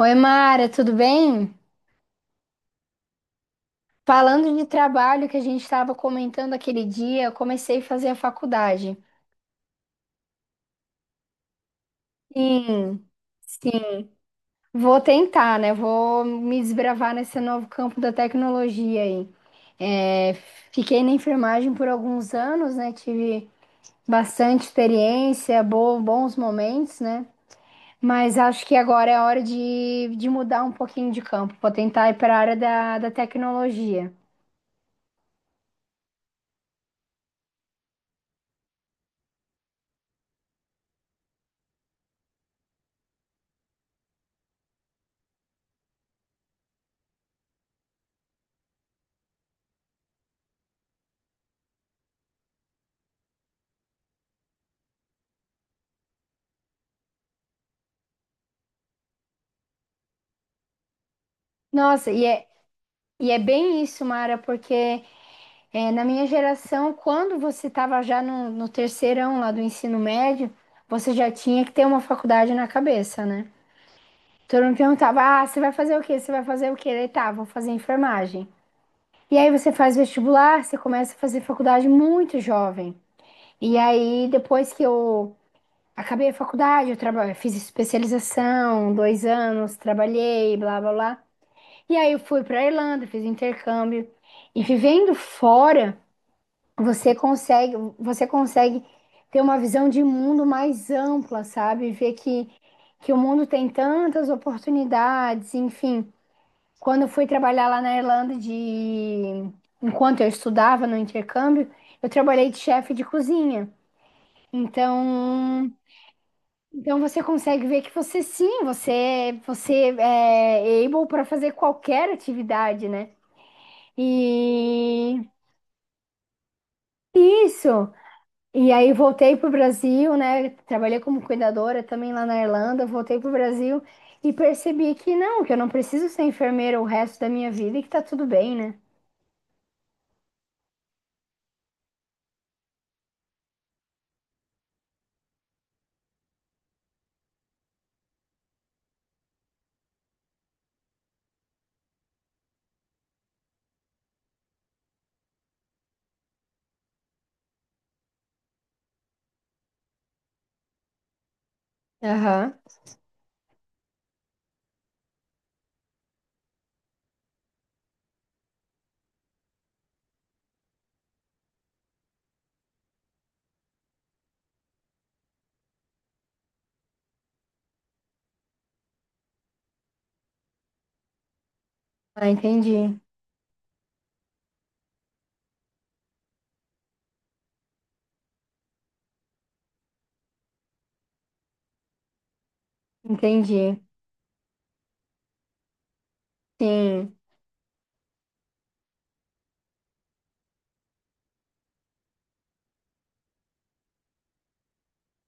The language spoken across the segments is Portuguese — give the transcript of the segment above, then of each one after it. Oi, Mara, tudo bem? Falando de trabalho que a gente estava comentando aquele dia, eu comecei a fazer a faculdade. Sim, sim. Vou tentar, né? Vou me desbravar nesse novo campo da tecnologia aí. É, fiquei na enfermagem por alguns anos, né? Tive bastante experiência, bons momentos, né? Mas acho que agora é hora de mudar um pouquinho de campo. Vou tentar ir para a área da tecnologia. Nossa, e é, e é bem isso, Mara, porque na minha geração, quando você estava já no terceirão lá do ensino médio, você já tinha que ter uma faculdade na cabeça, né? Todo mundo perguntava: ah, você vai fazer o quê? Você vai fazer o quê? Daí, tá, vou fazer enfermagem. E aí você faz vestibular, você começa a fazer faculdade muito jovem. E aí, depois que eu acabei a faculdade, fiz especialização, 2 anos, trabalhei, blá blá blá. E aí eu fui para Irlanda, fiz intercâmbio. E vivendo fora, você consegue ter uma visão de mundo mais ampla, sabe? Ver que o mundo tem tantas oportunidades, enfim. Quando eu fui trabalhar lá na Irlanda de enquanto eu estudava no intercâmbio, eu trabalhei de chefe de cozinha. Então, então você consegue ver que você sim, você é able para fazer qualquer atividade, né? E isso. E aí voltei pro Brasil, né? Trabalhei como cuidadora também lá na Irlanda, voltei pro Brasil e percebi que não, que eu não preciso ser enfermeira o resto da minha vida e que tá tudo bem, né? Aham. Ah, entendi. Entendi. Sim.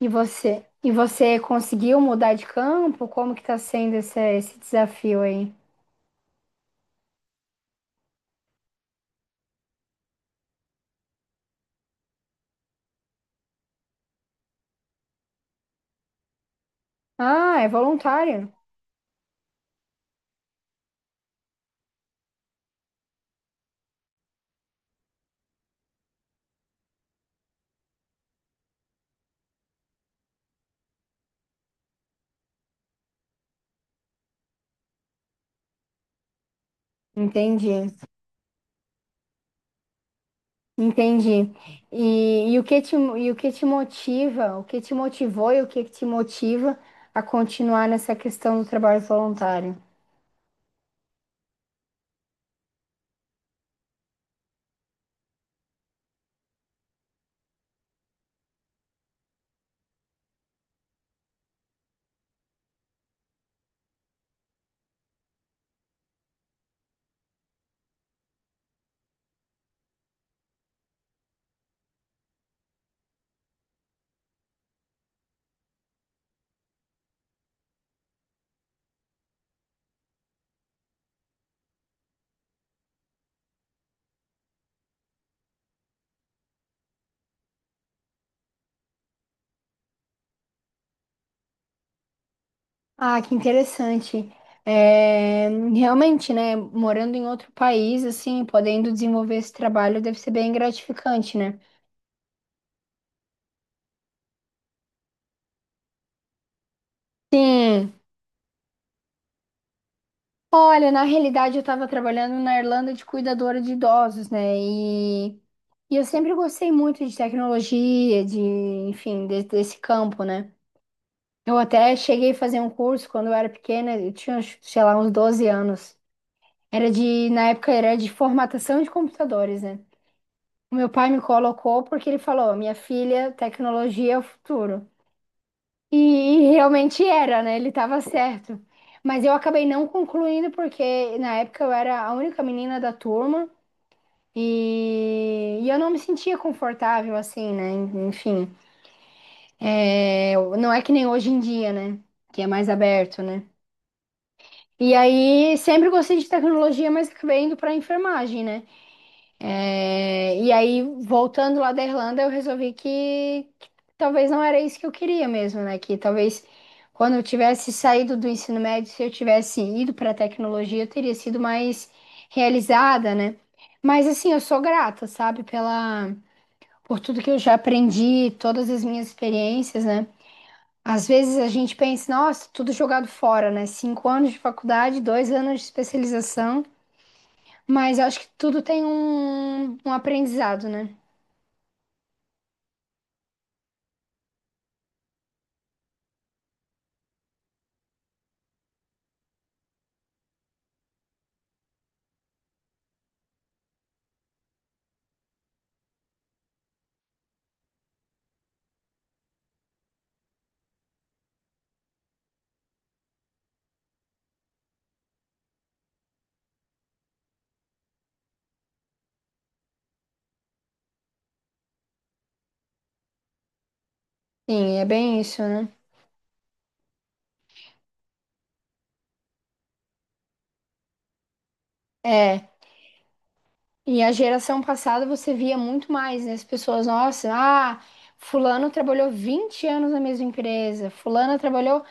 E você conseguiu mudar de campo? Como que tá sendo esse, esse desafio aí? Ah, é voluntário. Entendi. Entendi. E o que te, e o que te motiva, o que te motivou e o que te motiva a continuar nessa questão do trabalho voluntário? Ah, que interessante. É, realmente, né, morando em outro país, assim, podendo desenvolver esse trabalho deve ser bem gratificante, né? Sim. Olha, na realidade eu estava trabalhando na Irlanda de cuidadora de idosos, né? E eu sempre gostei muito de tecnologia, de, enfim, desse campo, né? Eu até cheguei a fazer um curso quando eu era pequena, eu tinha, acho, sei lá, uns 12 anos. Era de, na época era de formatação de computadores, né? O meu pai me colocou porque ele falou: "Minha filha, tecnologia é o futuro". E, e realmente era, né? Ele estava certo. Mas eu acabei não concluindo porque na época eu era a única menina da turma e eu não me sentia confortável assim, né? Enfim, é, não é que nem hoje em dia, né? Que é mais aberto, né? E aí, sempre gostei de tecnologia, mas acabei indo para enfermagem, né? É, e aí, voltando lá da Irlanda, eu resolvi que talvez não era isso que eu queria mesmo, né? Que talvez quando eu tivesse saído do ensino médio, se eu tivesse ido para tecnologia, eu teria sido mais realizada, né? Mas assim, eu sou grata, sabe, pela por tudo que eu já aprendi, todas as minhas experiências, né? Às vezes a gente pensa, nossa, tudo jogado fora, né? 5 anos de faculdade, 2 anos de especialização, mas acho que tudo tem um aprendizado, né? Sim, é bem isso, né? É. E a geração passada você via muito mais, né? As pessoas, nossa, ah, fulano trabalhou 20 anos na mesma empresa, fulana trabalhou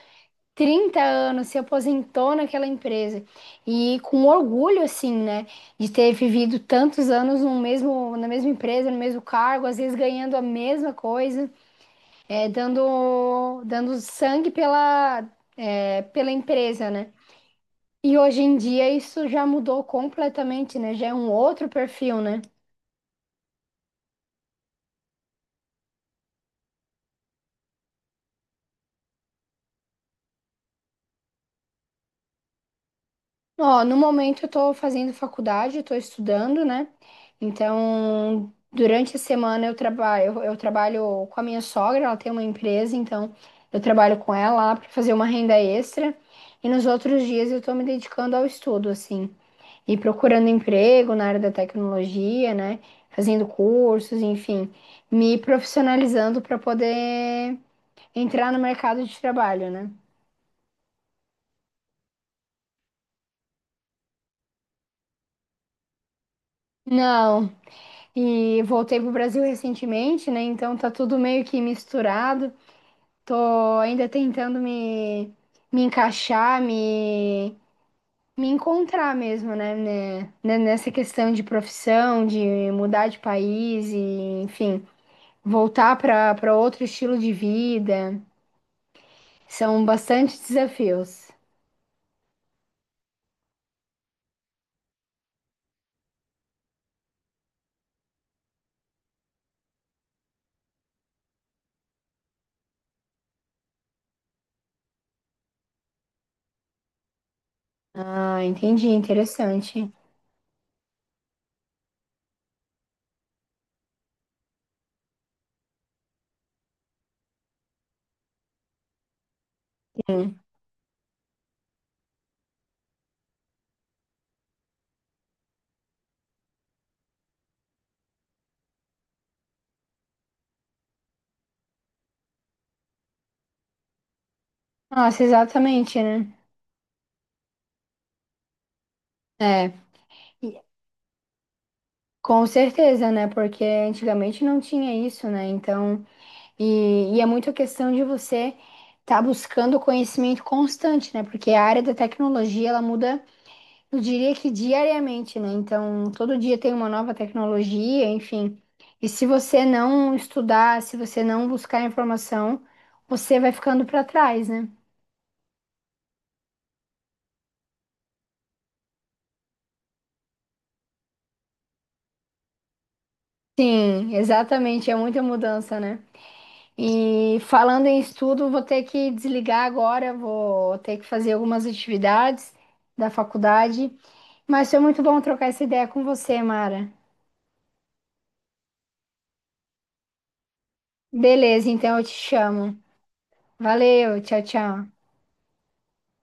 30 anos, se aposentou naquela empresa. E com orgulho, assim, né? De ter vivido tantos anos no mesmo, na mesma empresa, no mesmo cargo, às vezes ganhando a mesma coisa, é, dando, dando sangue pela, é, pela empresa, né? E hoje em dia isso já mudou completamente, né? Já é um outro perfil, né? Ó, no momento eu tô fazendo faculdade, eu tô estudando, né? Então, durante a semana eu trabalho, eu trabalho com a minha sogra, ela tem uma empresa, então eu trabalho com ela lá para fazer uma renda extra. E nos outros dias eu tô me dedicando ao estudo, assim, e procurando emprego na área da tecnologia, né? Fazendo cursos, enfim, me profissionalizando para poder entrar no mercado de trabalho, né? Não, e voltei pro Brasil recentemente, né? Então tá tudo meio que misturado. Tô ainda tentando me, me encaixar, me encontrar mesmo, né? Nessa questão de profissão, de mudar de país e, enfim, voltar para para outro estilo de vida. São bastante desafios. Ah, entendi, interessante. Sim. Nossa, exatamente, né? É. Com certeza, né? Porque antigamente não tinha isso, né? Então, e é muito a questão de você estar buscando conhecimento constante, né? Porque a área da tecnologia, ela muda, eu diria que diariamente, né? Então, todo dia tem uma nova tecnologia, enfim. E se você não estudar, se você não buscar informação, você vai ficando para trás, né? Sim, exatamente, é muita mudança, né? E falando em estudo, vou ter que desligar agora, vou ter que fazer algumas atividades da faculdade. Mas foi muito bom trocar essa ideia com você, Mara. Beleza, então eu te chamo. Valeu, tchau, tchau.